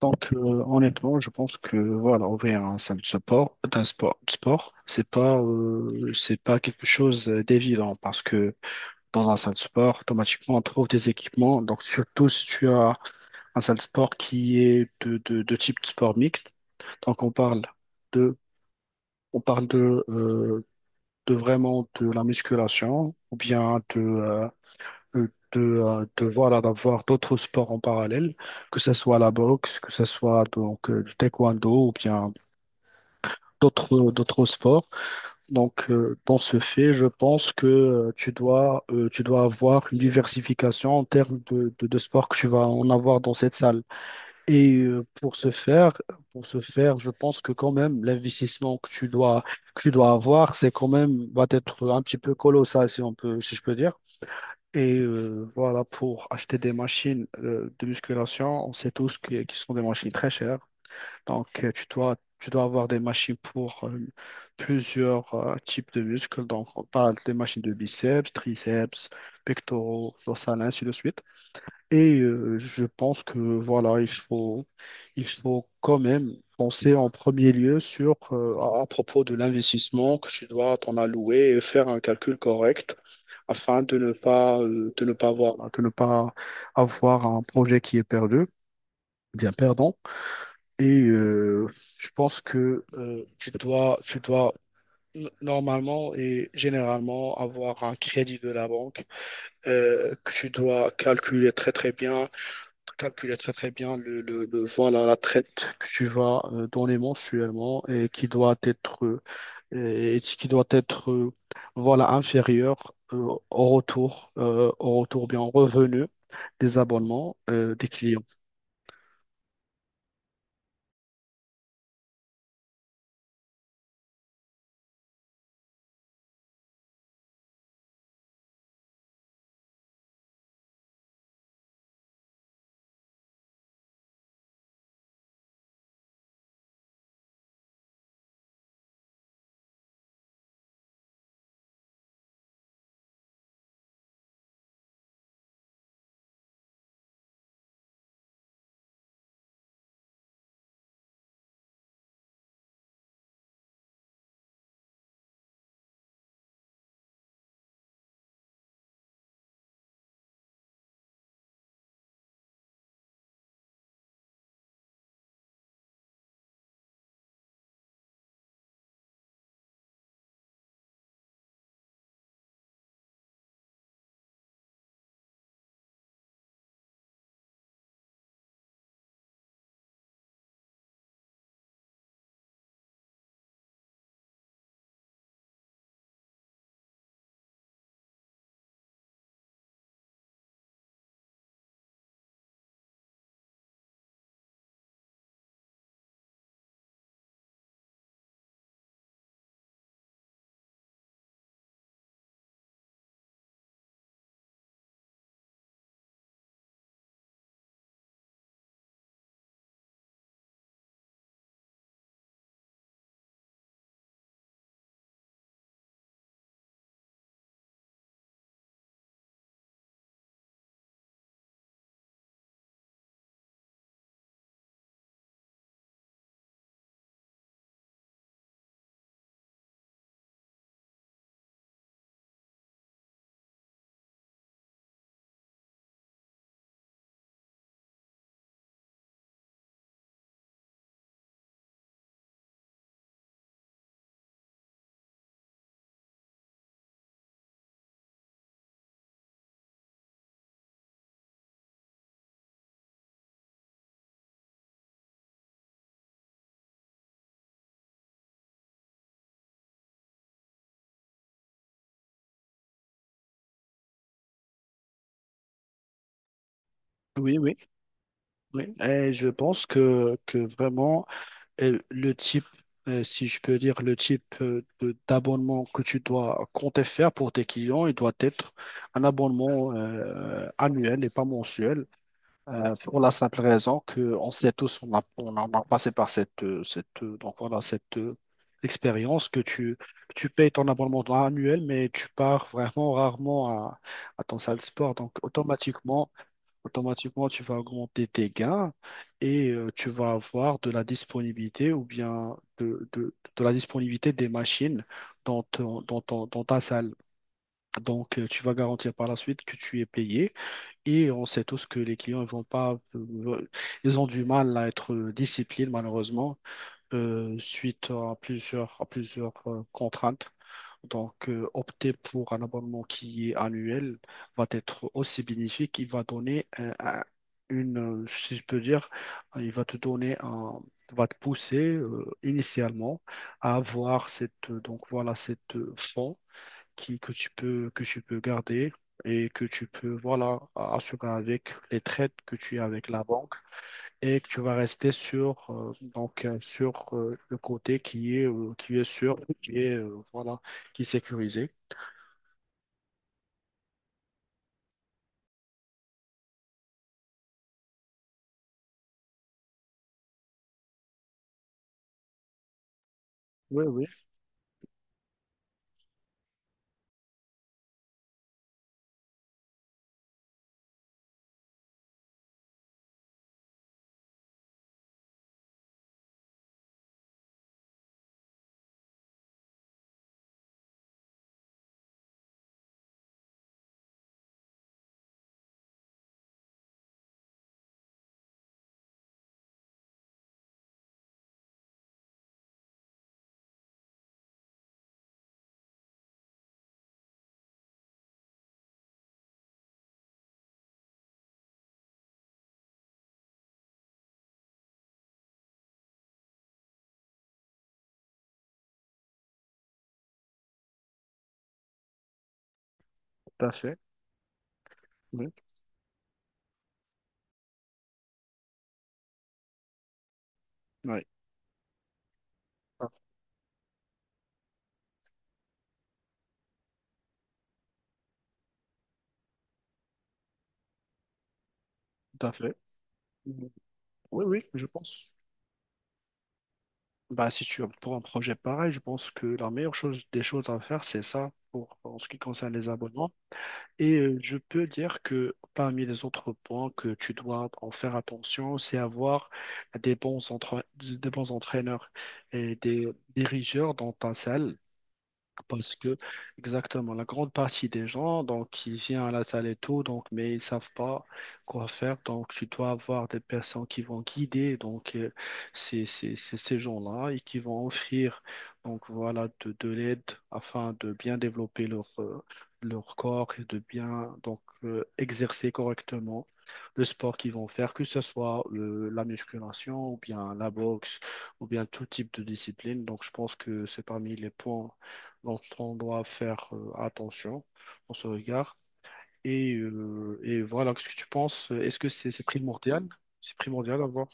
Donc, euh, Honnêtement, je pense que voilà, ouvrir un centre de support, d'un sport, de sport, c'est pas quelque chose d'évident parce que dans un centre de sport, automatiquement, on trouve des équipements. Donc, surtout si tu as un centre de sport qui est de type de sport mixte. Donc, on parle de, on parle de vraiment de la musculation ou bien euh, de voilà, d'avoir d'autres sports en parallèle, que ce soit la boxe, que ce soit donc du taekwondo ou bien d'autres sports. Donc, dans ce fait, je pense que tu dois avoir une diversification en termes de sports que tu vas en avoir dans cette salle. Et pour ce faire, je pense que quand même l'investissement que tu dois avoir, c'est quand même va être un petit peu colossal, si on peut, si je peux dire. Et voilà, pour acheter des machines de musculation, on sait tous qu'ils sont des machines très chères. Donc, tu dois avoir des machines pour plusieurs types de muscles. Donc, on parle des machines de biceps, triceps, pectoraux, dorsales, ainsi de suite. Et je pense que voilà, il faut quand même penser en premier lieu sur à propos de l'investissement que tu dois t'en allouer et faire un calcul correct afin de ne pas avoir de ne pas avoir un projet qui est perdu, bien perdant. Et je pense que tu dois normalement et généralement avoir un crédit de la banque que tu dois calculer très très bien calculer très très bien le, voilà, la traite que tu vas donner mensuellement et qui doit être, et qui doit être euh, voilà, inférieure au retour bien au revenu des abonnements des clients. Oui, oui, oui. Et je pense que vraiment, le type, si je peux dire, le type d'abonnement que tu dois compter faire pour tes clients, il doit être un abonnement annuel et pas mensuel. Pour la simple raison qu'on sait tous, on a passé par donc voilà, cette expérience que tu payes ton abonnement annuel, mais tu pars vraiment rarement à ton salle de sport. Donc automatiquement, automatiquement, tu vas augmenter tes gains et tu vas avoir de la disponibilité ou bien de la disponibilité des machines dans, dans ta salle. Donc tu vas garantir par la suite que tu es payé et on sait tous que les clients ils vont pas, ils ont du mal à être disciplinés malheureusement suite à plusieurs contraintes. Donc, opter pour un abonnement qui est annuel va être aussi bénéfique. Il va donner une, si je peux dire, il va te donner va te pousser initialement à avoir donc voilà, cette fond qui, que tu peux garder et que tu peux voilà, assurer avec les trades que tu as avec la banque et que tu vas rester sur, sur le côté qui est sûr, qui est, voilà, qui est sécurisé. Oui, oui, tout à fait. Oui, oui, ah, tout à fait. Oui, oui, je pense. Bah, si tu pour un projet pareil, je pense que la meilleure chose des choses à faire, c'est ça pour en ce qui concerne les abonnements. Et je peux dire que parmi les autres points que tu dois en faire attention, c'est avoir des bons, des bons entraîneurs et des dirigeurs dans ta salle parce que, exactement, la grande partie des gens, donc, ils viennent à la salle et tout, donc, mais ils savent pas quoi faire. Donc, tu dois avoir des personnes qui vont guider, donc, ces gens-là et qui vont offrir, donc, voilà, de l'aide afin de bien développer leur, leur corps et de bien, donc, exercer correctement le sport qu'ils vont faire, que ce soit la musculation ou bien la boxe ou bien tout type de discipline. Donc, je pense que c'est parmi les points donc, on doit faire attention, on se regarde. Et voilà, qu'est-ce que tu penses? Est-ce que c'est primordial? C'est primordial d'avoir.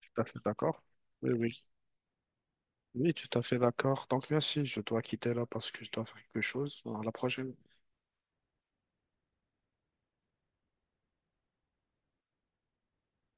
Tout à fait d'accord. Oui, oui. Oui, tout à fait d'accord. Donc, merci, je dois quitter là parce que je dois faire quelque chose. À la prochaine.